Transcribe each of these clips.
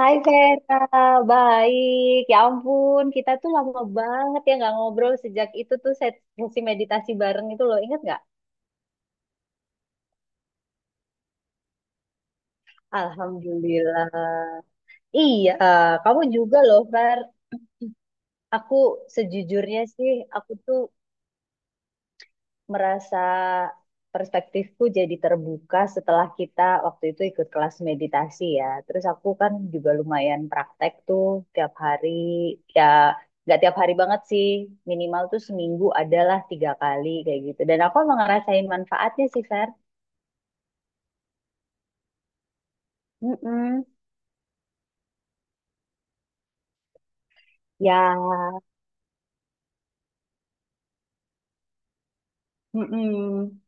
Hai Vera, baik. Ya ampun, kita tuh lama banget ya nggak ngobrol sejak itu tuh sesi meditasi bareng itu loh, ingat nggak? Alhamdulillah. Iya, kamu juga loh Ver. Aku sejujurnya sih, aku tuh merasa perspektifku jadi terbuka setelah kita waktu itu ikut kelas meditasi ya. Terus aku kan juga lumayan praktek tuh tiap hari, ya nggak tiap hari banget sih, minimal tuh seminggu adalah 3 kali kayak gitu. Dan aku emang ngerasain manfaatnya sih, Fer. Mm-mm. Ya, mm-mm.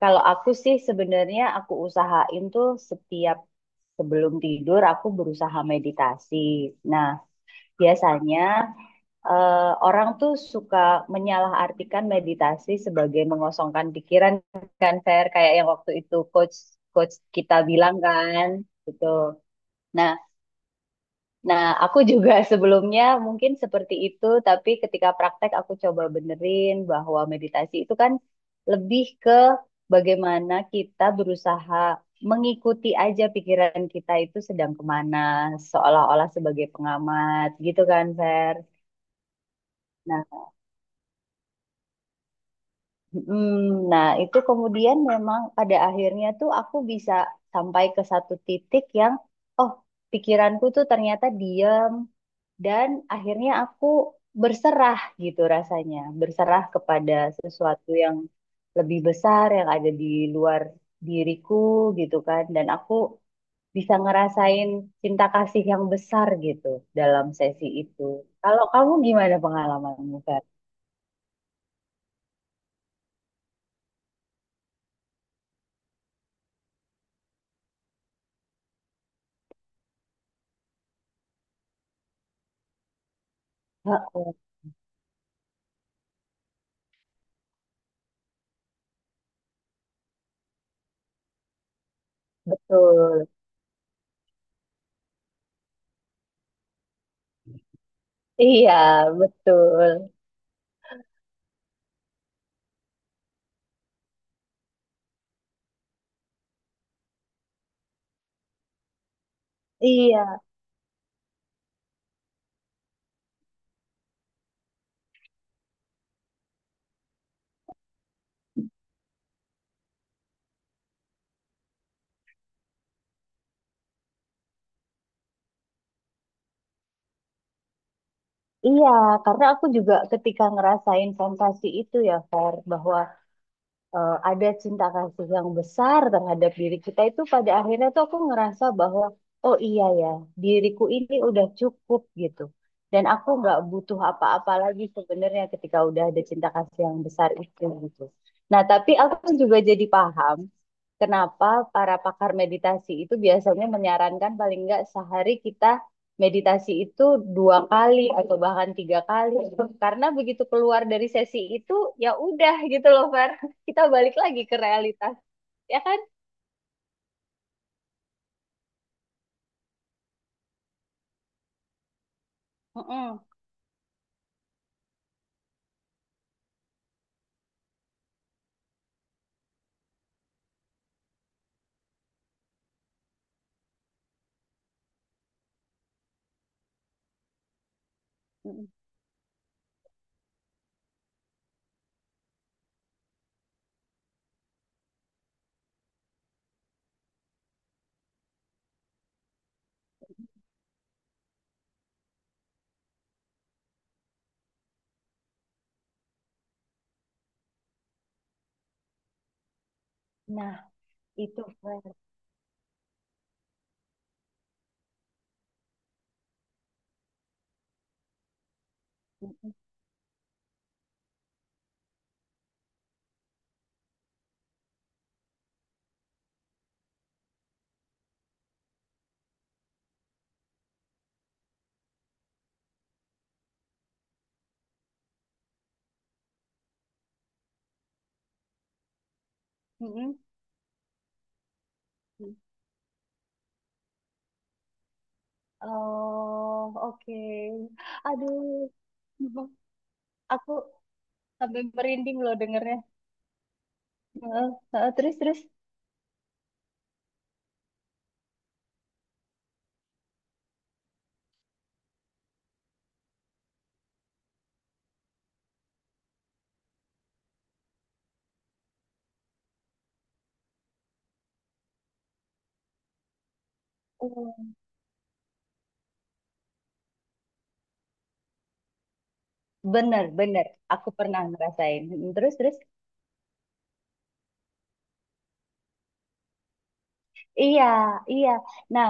Kalau aku sih sebenarnya aku usahain tuh setiap sebelum tidur aku berusaha meditasi. Nah, biasanya eh, orang tuh suka menyalahartikan meditasi sebagai mengosongkan pikiran kan Fer kayak yang waktu itu coach coach kita bilang kan gitu. Nah, nah, aku juga sebelumnya mungkin seperti itu tapi ketika praktek aku coba benerin bahwa meditasi itu kan lebih ke bagaimana kita berusaha mengikuti aja pikiran kita itu sedang kemana, seolah-olah sebagai pengamat gitu kan Fer. Nah, Mm, Nah, itu kemudian memang pada akhirnya tuh aku bisa sampai ke satu titik yang, oh, pikiranku tuh ternyata diam dan akhirnya aku berserah gitu rasanya, berserah kepada sesuatu yang lebih besar yang ada di luar diriku gitu kan, dan aku bisa ngerasain cinta kasih yang besar gitu dalam sesi itu. Kalau kamu gimana pengalamanmu, Fer? Heeh, betul. Iya, betul. Iya, iya, karena aku juga ketika ngerasain sensasi itu ya, Fer, bahwa ada cinta kasih yang besar terhadap diri kita itu pada akhirnya tuh aku ngerasa bahwa oh iya ya diriku ini udah cukup gitu dan aku nggak butuh apa-apa lagi sebenarnya ketika udah ada cinta kasih yang besar itu gitu. Nah tapi aku juga jadi paham kenapa para pakar meditasi itu biasanya menyarankan paling nggak sehari kita meditasi itu 2 kali atau bahkan 3 kali karena begitu keluar dari sesi itu ya udah gitu loh Fer kita balik lagi ke realitas ya kan. Mm-mm. Mm-mm. Nah, itu berarti. Mm-mm. Oh oke, aduh aku sampai merinding loh dengernya. Heeh, heeh, terus, terus. Oh. Bener, bener. Aku pernah ngerasain. Terus, terus. Iya, iya. Nah,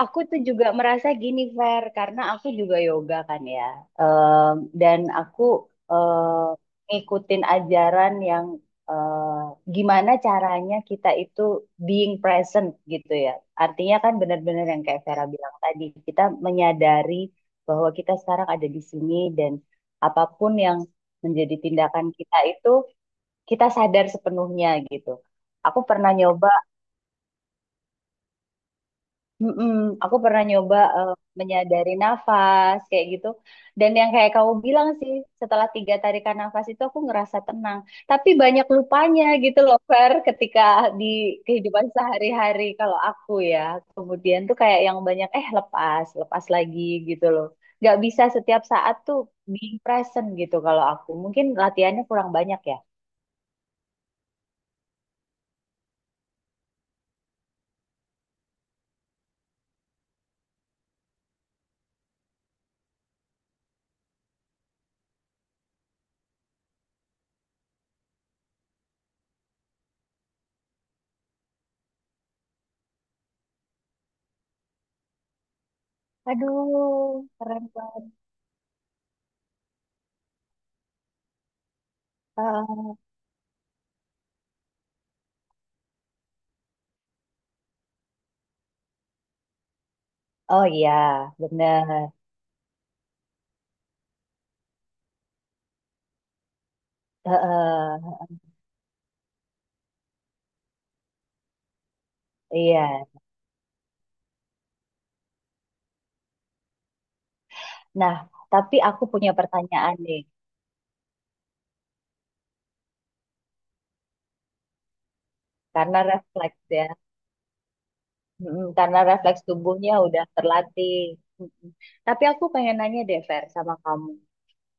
aku tuh juga merasa gini, Fer, karena aku juga yoga kan ya. Em, dan aku ngikutin ajaran yang gimana caranya kita itu being present gitu ya. Artinya kan benar-benar yang kayak Vera bilang tadi, kita menyadari bahwa kita sekarang ada di sini dan apapun yang menjadi tindakan kita itu kita sadar sepenuhnya gitu. Aku pernah nyoba Mm-mm. Aku pernah nyoba menyadari nafas kayak gitu. Dan yang kayak kamu bilang sih, setelah 3 tarikan nafas itu aku ngerasa tenang. Tapi banyak lupanya gitu loh, Fer, ketika di kehidupan sehari-hari kalau aku ya. Kemudian tuh kayak yang banyak, lepas, lepas lagi gitu loh. Gak bisa setiap saat tuh being present gitu kalau aku. Mungkin latihannya kurang banyak ya. Aduh, keren banget. Ah, oh iya, bener. Heeh, iya. Nah, tapi aku punya pertanyaan nih, karena refleks ya, mm-mm, karena refleks tubuhnya udah terlatih. Mm-mm. Tapi aku pengen nanya deh, Fer, sama kamu.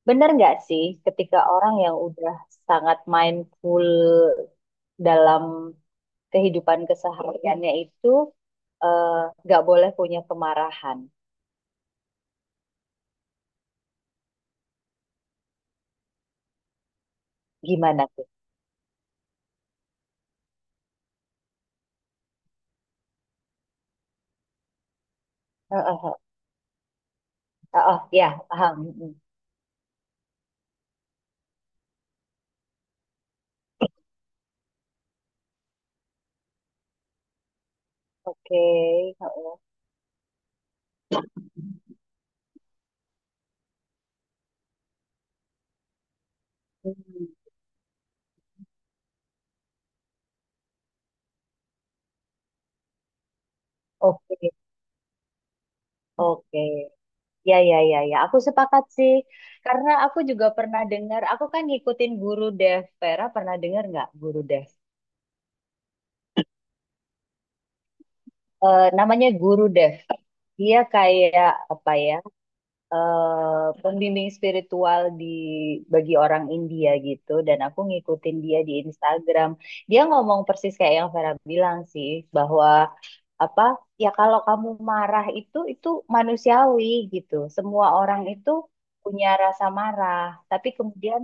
Bener nggak sih ketika orang yang udah sangat mindful dalam kehidupan kesehariannya itu eh, nggak boleh punya kemarahan? Gimana tuh? Heeh, heeh. Oh, ya, paham. Mm-mm. Oke. Heeh. Hmm, oke, oke. Ya, ya, ya, ya. Aku sepakat sih. Karena aku juga pernah dengar, aku kan ngikutin guru Dev. Vera pernah dengar nggak guru Dev? Eh, namanya guru Dev. Dia kayak apa ya? Eh pembimbing spiritual di bagi orang India gitu. Dan aku ngikutin dia di Instagram. Dia ngomong persis kayak yang Vera bilang sih, bahwa apa? Ya kalau kamu marah itu manusiawi gitu. Semua orang itu punya rasa marah, tapi kemudian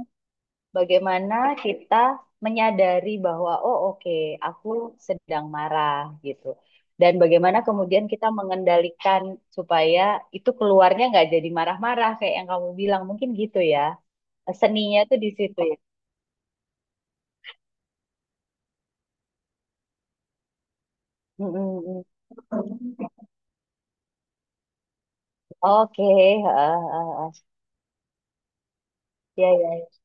bagaimana kita menyadari bahwa oh oke aku sedang marah gitu dan bagaimana kemudian kita mengendalikan supaya itu keluarnya nggak jadi marah-marah kayak yang kamu bilang mungkin gitu ya, seninya tuh di situ ya. Mm, mm, mm. Oke, heeh, heeh. Iya, iya. Iya,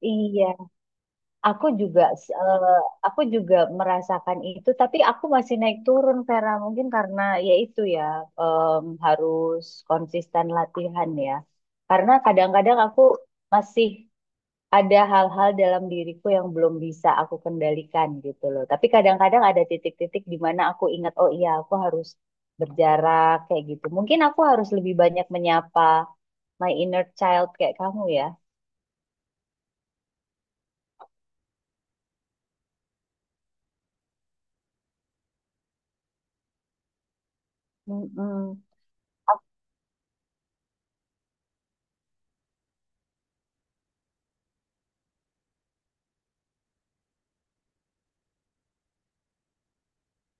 iya. Aku juga eh, aku juga merasakan itu tapi aku masih naik turun Vera mungkin karena ya itu ya, harus konsisten latihan ya karena kadang-kadang aku masih ada hal-hal dalam diriku yang belum bisa aku kendalikan gitu loh tapi kadang-kadang ada titik-titik di mana aku ingat oh iya aku harus berjarak kayak gitu mungkin aku harus lebih banyak menyapa my inner child kayak kamu ya. Mm.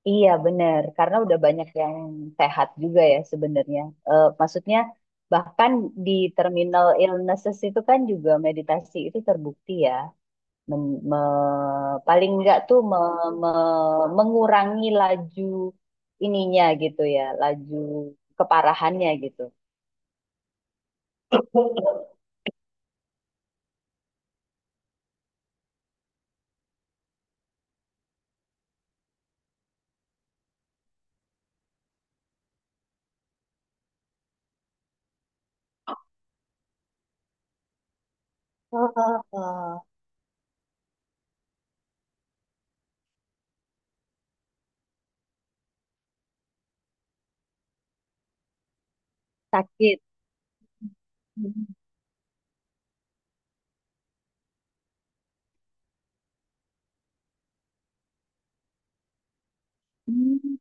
Iya benar, karena udah banyak yang sehat juga ya sebenarnya. Eh, maksudnya bahkan di terminal illnesses itu kan juga meditasi itu terbukti ya, paling enggak tuh mengurangi laju ininya gitu ya, laju keparahannya gitu. Oh, sakit. Hmm.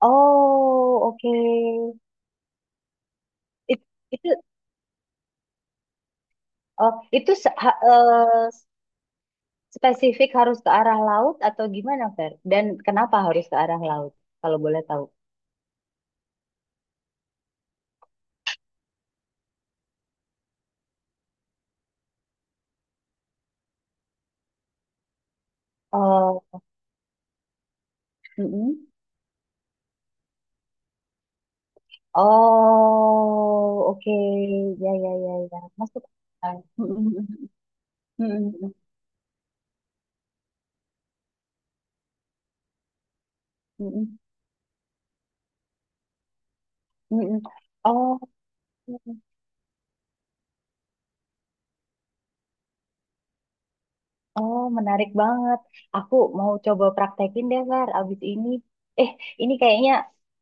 Oh, oke. It- Itu, oh, itu se- ha- eh, spesifik harus ke arah laut atau gimana, Fer? Dan kenapa harus ke arah laut? Kalau boleh tahu. Oh, mm-mm. Oh, oke. Ya, ya, ya, ya. Masuk akal. Mm-mm. Mm-mm. Mm-mm. Mm-mm. Oh, oh, menarik banget. Aku mau coba praktekin deh, Fer, abis ini. Eh, ini kayaknya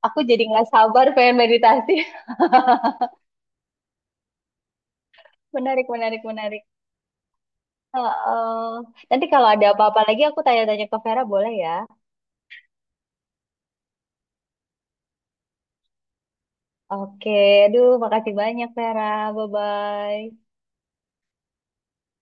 aku jadi nggak sabar pengen meditasi. Menarik, menarik, menarik. Heeh. Nanti kalau ada apa-apa lagi aku tanya-tanya ke Vera boleh ya? Oke, aduh, makasih banyak, Vera. Bye-bye.